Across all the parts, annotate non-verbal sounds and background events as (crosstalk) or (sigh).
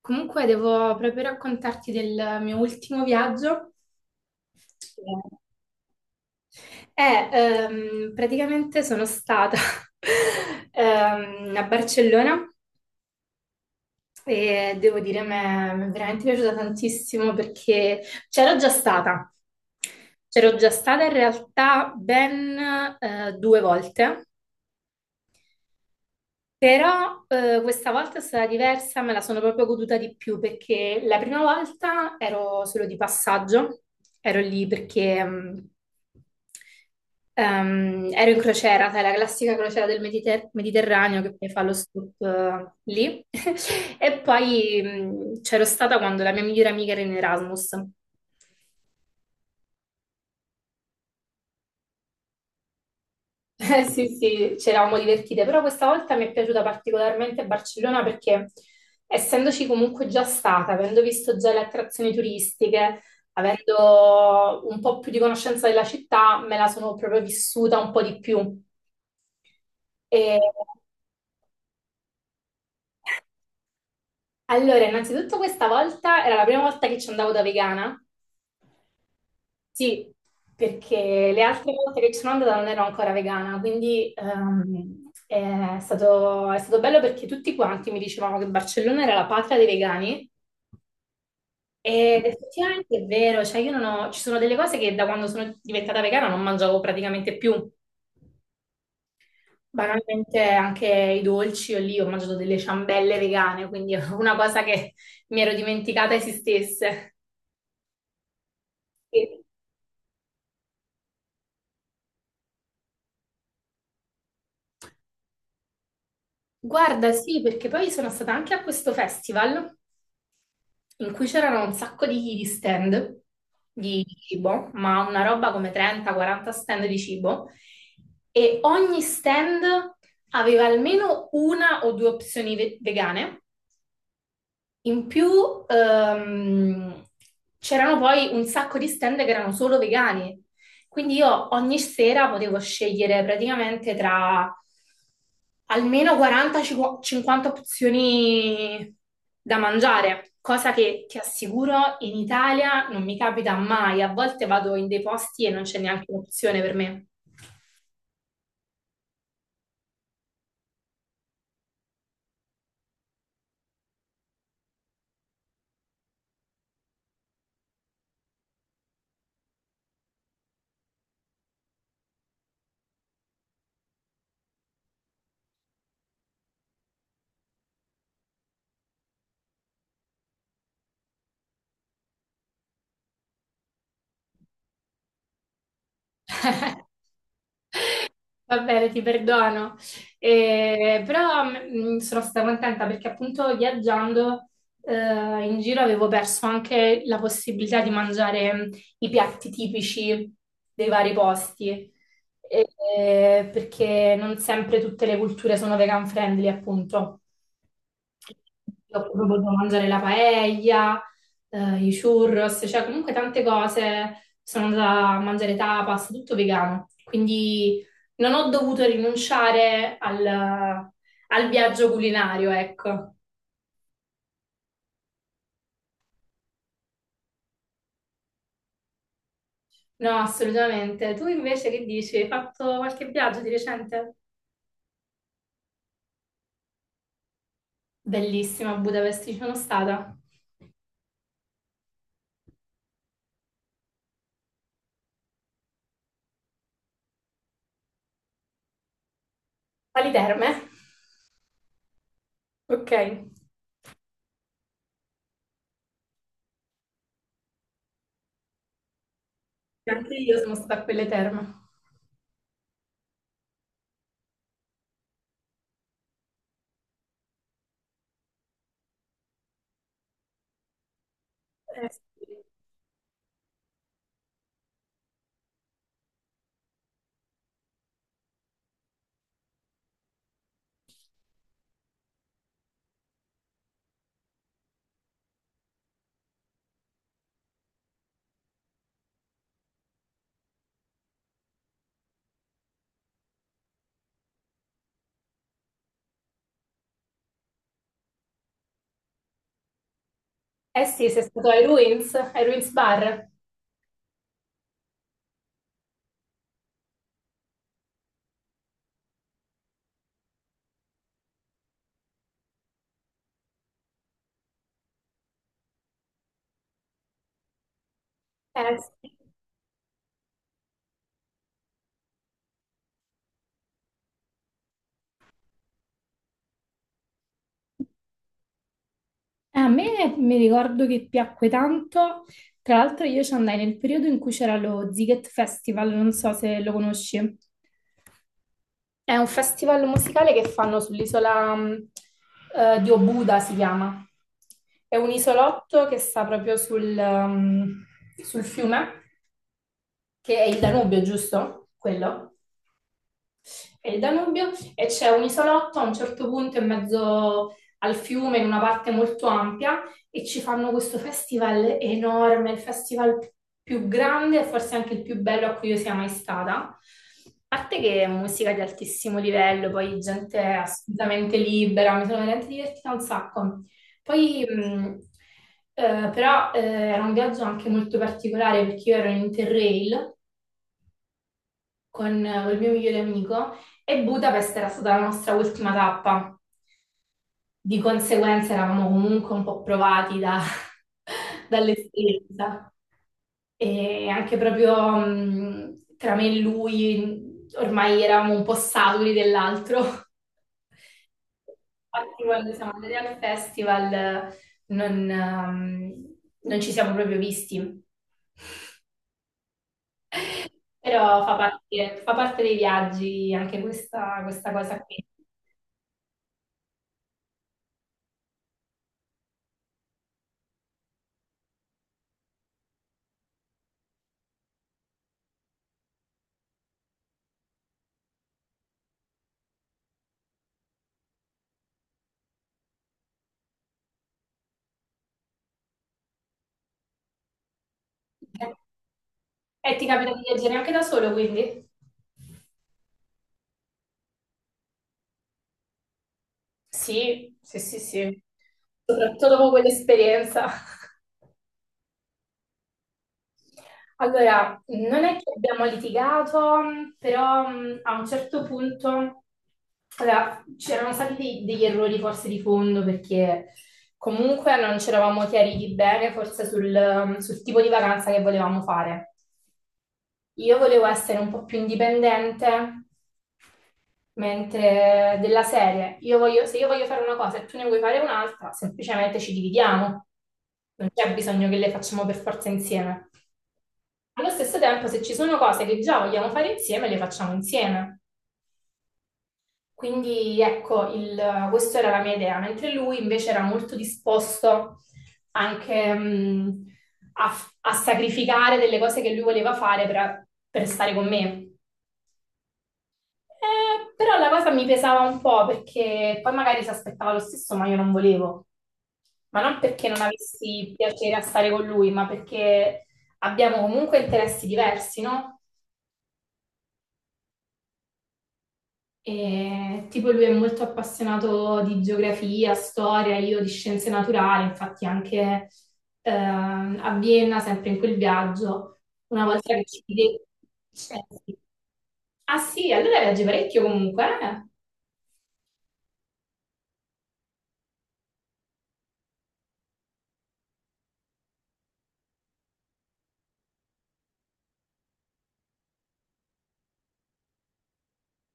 Comunque devo proprio raccontarti del mio ultimo viaggio. Praticamente sono stata (laughs) a Barcellona e devo dire mi è veramente piaciuta tantissimo perché c'ero già stata. C'ero già stata in realtà ben due volte. Però questa volta è stata diversa, me la sono proprio goduta di più perché la prima volta ero solo di passaggio, ero lì perché ero in crociera, sai, la classica crociera del Mediterraneo che poi fa lo stop lì. (laughs) E poi c'ero stata quando la mia migliore amica era in Erasmus. Sì, sì, ci eravamo divertite, però questa volta mi è piaciuta particolarmente Barcellona perché essendoci comunque già stata, avendo visto già le attrazioni turistiche, avendo un po' più di conoscenza della città, me la sono proprio vissuta un po' di più. E allora, innanzitutto questa volta era la prima volta che ci andavo da vegana. Sì, perché le altre volte che ci sono andata non ero ancora vegana, quindi è stato bello perché tutti quanti mi dicevano che Barcellona era la patria dei vegani ed effettivamente è vero, cioè io non ho, ci sono delle cose che da quando sono diventata vegana non mangiavo praticamente più. Banalmente anche i dolci, io lì ho mangiato delle ciambelle vegane, quindi è una cosa che mi ero dimenticata esistesse. E- Guarda, sì, perché poi sono stata anche a questo festival, in cui c'erano un sacco di stand di cibo, ma una roba come 30-40 stand di cibo, e ogni stand aveva almeno una o due opzioni vegane in più. ehm, C'erano poi un sacco di stand che erano solo vegani, quindi io ogni sera potevo scegliere praticamente tra almeno 40-50 opzioni da mangiare, cosa che ti assicuro in Italia non mi capita mai, a volte vado in dei posti e non c'è neanche un'opzione per me. Va bene, ti perdono. Però sono stata contenta perché appunto viaggiando in giro avevo perso anche la possibilità di mangiare i piatti tipici dei vari posti, perché non sempre tutte le culture sono vegan friendly, appunto. Io ho proprio potuto mangiare la paella, i churros, cioè comunque tante cose. Sono andata a mangiare tapas, tutto vegano. Quindi non ho dovuto rinunciare al viaggio culinario, ecco. No, assolutamente. Tu invece che dici? Hai fatto qualche viaggio di recente? Bellissima, a Budapest ci sono stata. Alle terme? Ok. Anche io sono stata a quelle terme. Sì. Eh sì, sei stato ai Ruins Bar. Eh sì. A me mi ricordo che piacque tanto, tra l'altro io ci andai nel periodo in cui c'era lo Ziget Festival, non so se lo conosci. È un festival musicale che fanno sull'isola di Obuda, si chiama. È un isolotto che sta proprio sul fiume, che è il Danubio, giusto? Quello. E il Danubio e c'è un isolotto a un certo punto in mezzo al fiume, in una parte molto ampia, e ci fanno questo festival enorme, il festival più grande e forse anche il più bello a cui io sia mai stata. A parte che è musica di altissimo livello, poi gente assolutamente libera, mi sono veramente divertita un sacco. Poi, però, era un viaggio anche molto particolare perché io ero in Interrail con il mio migliore amico e Budapest era stata la nostra ultima tappa. Di conseguenza eravamo comunque un po' provati (laughs) dall'esperienza e anche proprio tra me e lui ormai eravamo un po' saturi dell'altro. (laughs) Infatti quando siamo andati al festival non, ehm, non ci siamo proprio visti. Però fa parte dei viaggi anche questa cosa qui. E ti capita di viaggiare anche da solo, quindi? Sì, sì, sì, sì. Soprattutto dopo quell'esperienza. (laughs) Allora, non è che abbiamo litigato, però a un certo punto allora, c'erano stati degli errori forse di fondo perché comunque non ci eravamo chiariti bene forse sul tipo di vacanza che volevamo fare. Io volevo essere un po' più indipendente. Mentre della serie, io se io voglio fare una cosa e tu ne vuoi fare un'altra, semplicemente ci dividiamo. Non c'è bisogno che le facciamo per forza insieme. Allo stesso tempo, se ci sono cose che già vogliamo fare insieme, le facciamo insieme. Quindi ecco, questa era la mia idea, mentre lui invece era molto disposto anche a, a sacrificare delle cose che lui voleva fare per stare con me. Però la cosa mi pesava un po' perché poi magari si aspettava lo stesso, ma io non volevo. Ma non perché non avessi piacere a stare con lui, ma perché abbiamo comunque interessi diversi, no? E, tipo lui è molto appassionato di geografia, storia, io di scienze naturali, infatti anche a Vienna, sempre in quel viaggio, una volta che ci vide. Eh, sì. Ah sì, allora viaggi parecchio comunque, eh?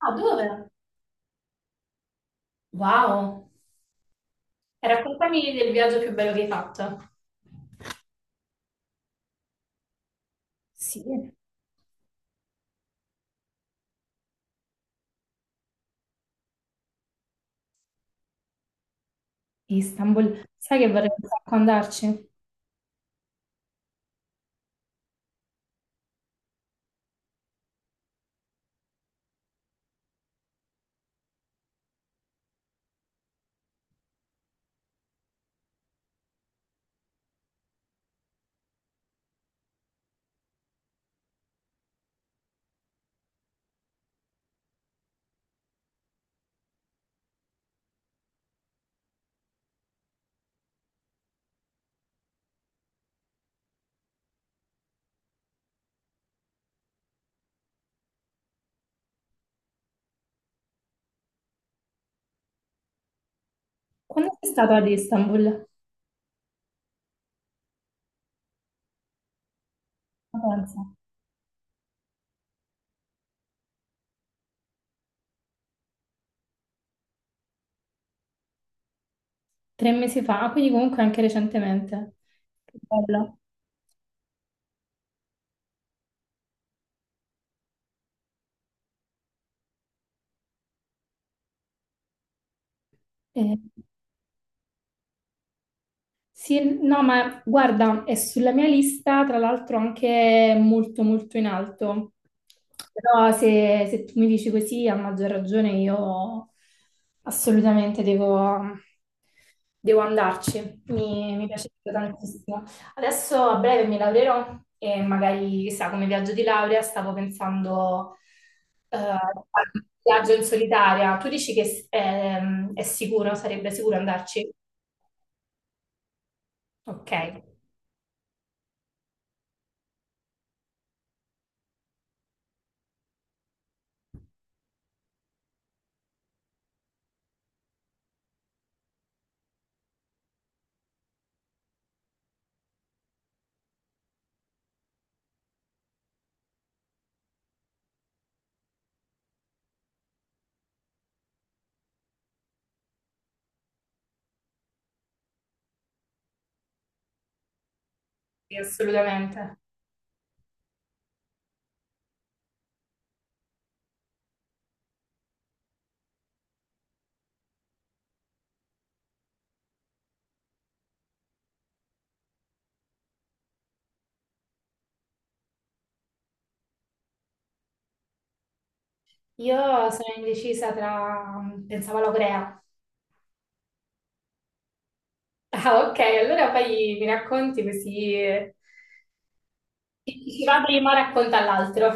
Ah, dove? Wow! E raccontami del viaggio più bello che hai fatto. Sì, Istanbul. Sai che vorrei un sacco andarci? Quando sei stato ad Istanbul? Ma pensa. 3 mesi fa, ah, quindi comunque anche recentemente. Che bello. Eh, Sì, no, ma guarda, è sulla mia lista, tra l'altro anche molto molto in alto. Però se tu mi dici così, a maggior ragione io assolutamente devo andarci. Mi piace tantissimo. Adesso a breve mi laureerò e magari, chissà, come viaggio di laurea stavo pensando a fare un viaggio in solitaria. Tu dici che è sicuro, sarebbe sicuro andarci? Ok. Sì, assolutamente. Io sono indecisa tra. Pensavo alla Corea. Ah, ok, allora poi mi racconti così chi va prima racconta all'altro.